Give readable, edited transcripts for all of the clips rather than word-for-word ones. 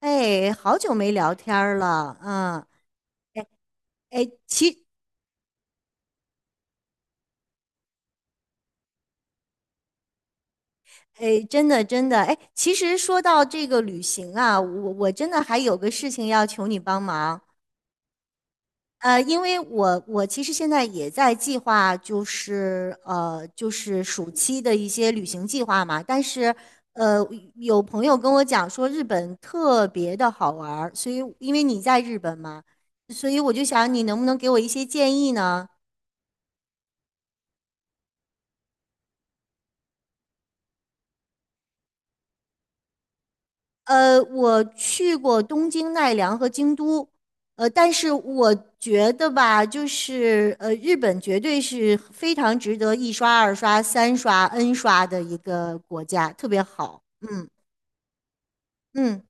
哎，好久没聊天儿了，嗯。哎，其，哎，真的真的，哎，其实说到这个旅行啊，我真的还有个事情要求你帮忙。因为我其实现在也在计划，就是暑期的一些旅行计划嘛，但是呃，有朋友跟我讲说日本特别的好玩儿，所以因为你在日本嘛，所以我就想你能不能给我一些建议呢？我去过东京、奈良和京都。但是我觉得吧，就是日本绝对是非常值得一刷、二刷、三刷、N 刷的一个国家，特别好。嗯嗯。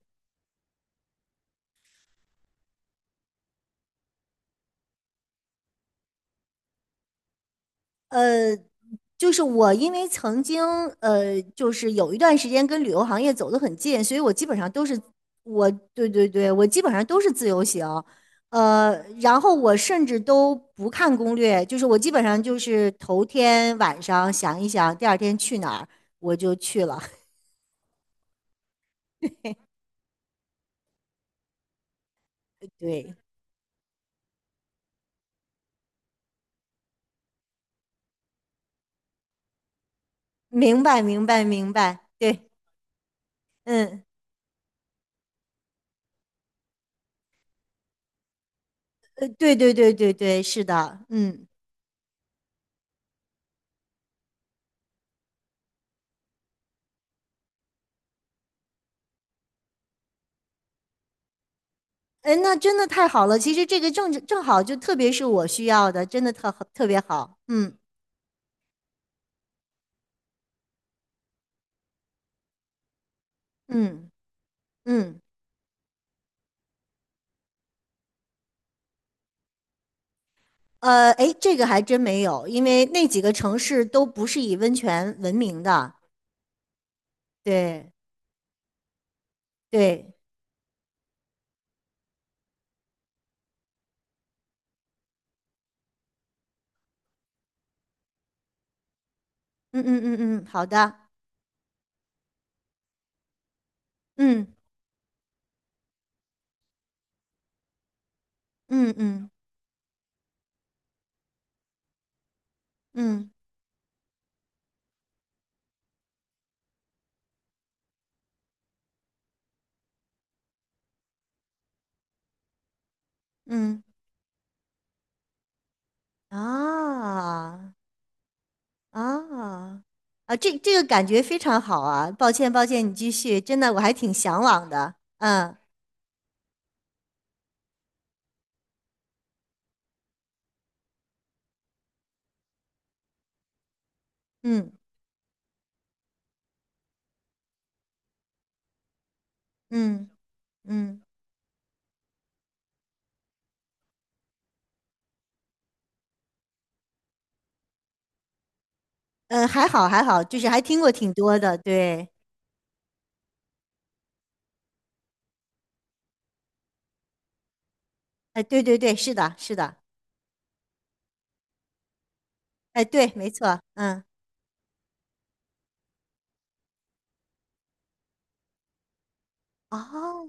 呃，就是我，因为曾经就是有一段时间跟旅游行业走得很近，所以我基本上都是我，对对对，我基本上都是自由行。呃，然后我甚至都不看攻略，就是我基本上就是头天晚上想一想，第二天去哪儿我就去了。对，明白明白明白，对，嗯，对对对对对，是的，嗯。哎，那真的太好了！其实这个正好，就特别是我需要的，真的特别好。嗯，嗯嗯。哎，这个还真没有，因为那几个城市都不是以温泉闻名的。对对，嗯嗯嗯嗯，好的，嗯嗯嗯嗯嗯，啊啊啊，这个感觉非常好啊！抱歉抱歉，你继续，真的我还挺向往的。嗯嗯嗯嗯。还好还好，就是还听过挺多的。对。哎，对对对，是的是的。哎，对，没错，嗯。哦，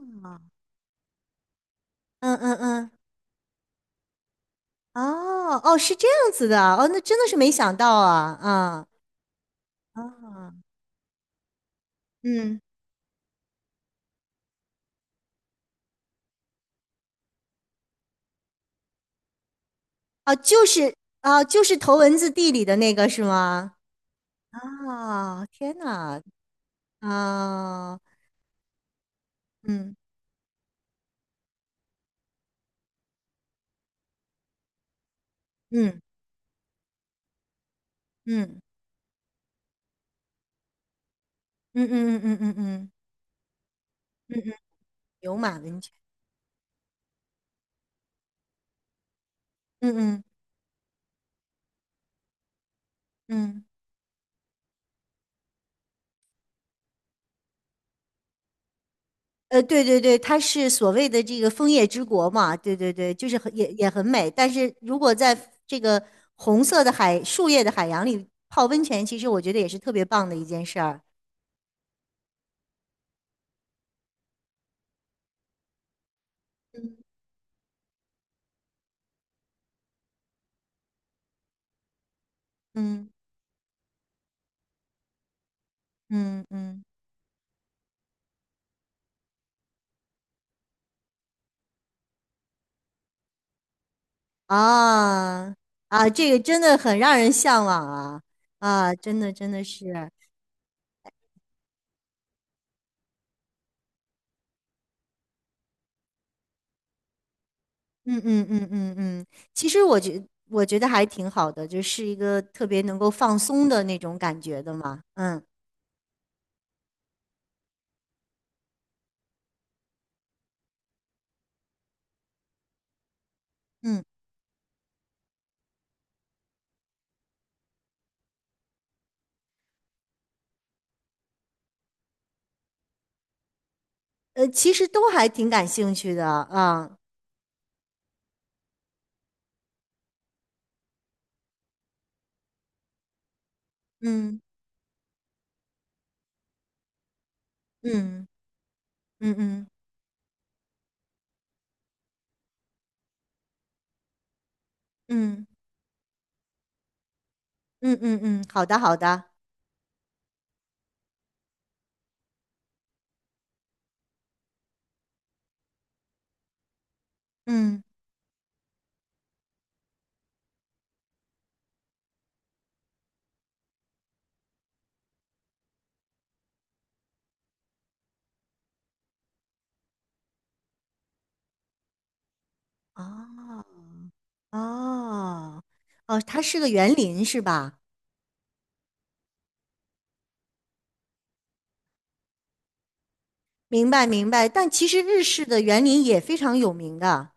嗯嗯嗯，哦哦，是这样子的。哦，那真的是没想到啊，啊啊，嗯。哦，就是头文字地里的那个是吗？啊，天哪，啊，嗯嗯嗯嗯嗯嗯嗯嗯嗯嗯，牛马温泉，嗯嗯嗯。对对对，它是所谓的这个枫叶之国嘛，对对对，就是很也很美。但是如果在这个红色的海、树叶的海洋里泡温泉，其实我觉得也是特别棒的一件事儿。嗯嗯嗯，嗯，啊啊，这个真的很让人向往啊啊，真的真的是。嗯嗯嗯嗯嗯，其实我觉得还挺好的，就是一个特别能够放松的那种感觉的嘛，嗯嗯。其实都还挺感兴趣的啊。嗯嗯嗯嗯嗯嗯嗯嗯，好的好的，嗯，哦哦哦，它是个园林是吧？明白明白，但其实日式的园林也非常有名的。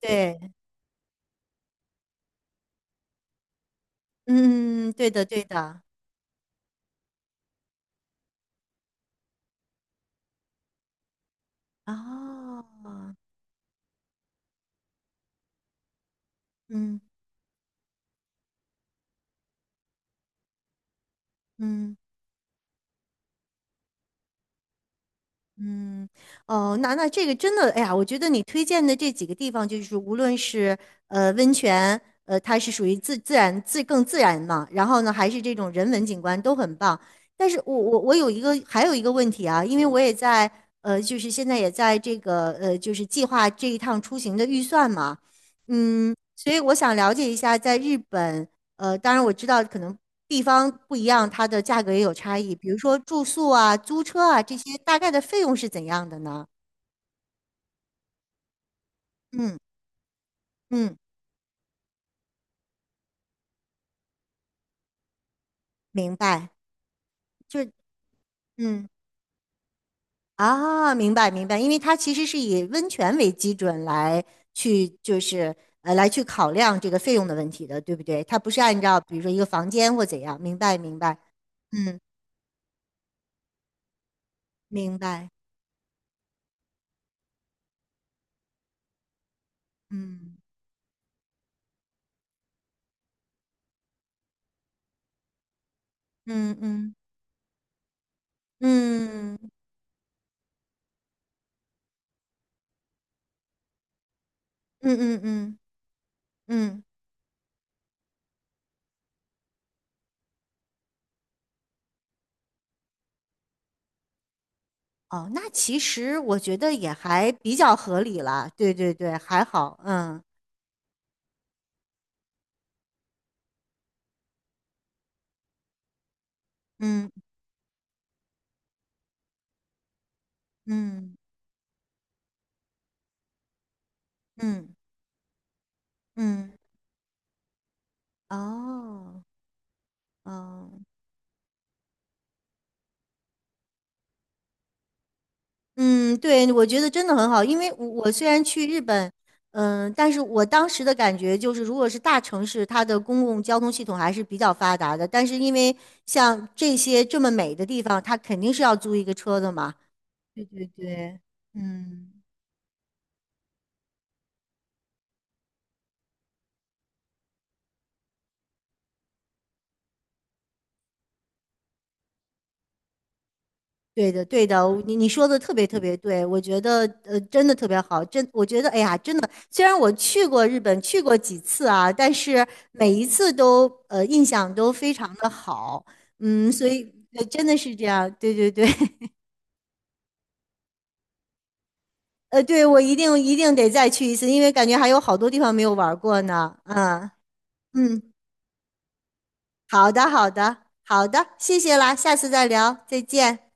对，嗯，嗯嗯，对的对的，哦，嗯嗯。嗯，哦，那这个真的，哎呀，我觉得你推荐的这几个地方，就是无论是温泉，它是属于自然，更自然嘛，然后呢，还是这种人文景观都很棒。但是我我我有一个还有一个问题啊，因为我也在就是现在也在这个就是计划这一趟出行的预算嘛。嗯，所以我想了解一下，在日本当然我知道可能地方不一样，它的价格也有差异。比如说住宿啊、租车啊这些，大概的费用是怎样的呢？嗯嗯，明白，就是嗯明白明白，因为它其实是以温泉为基准去就是来去考量这个费用的问题的，对不对？它不是按照比如说一个房间或怎样，明白明白，嗯，明白，嗯嗯嗯嗯嗯嗯嗯嗯嗯。嗯哦，那其实我觉得也还比较合理了，对对对，还好。嗯嗯嗯嗯嗯，哦，嗯嗯。对，我觉得真的很好，因为我虽然去日本，嗯，但是我当时的感觉就是，如果是大城市，它的公共交通系统还是比较发达的，但是因为像这些这么美的地方，它肯定是要租一个车的嘛。对对对，嗯。对的，对的，你说的特别特别对。我觉得真的特别好，我觉得哎呀，真的，虽然我去过日本，去过几次啊，但是每一次都印象都非常的好，嗯，所以真的是这样。对对对。对，我一定一定得再去一次，因为感觉还有好多地方没有玩过呢。嗯嗯，好的好的好的，谢谢啦，下次再聊，再见。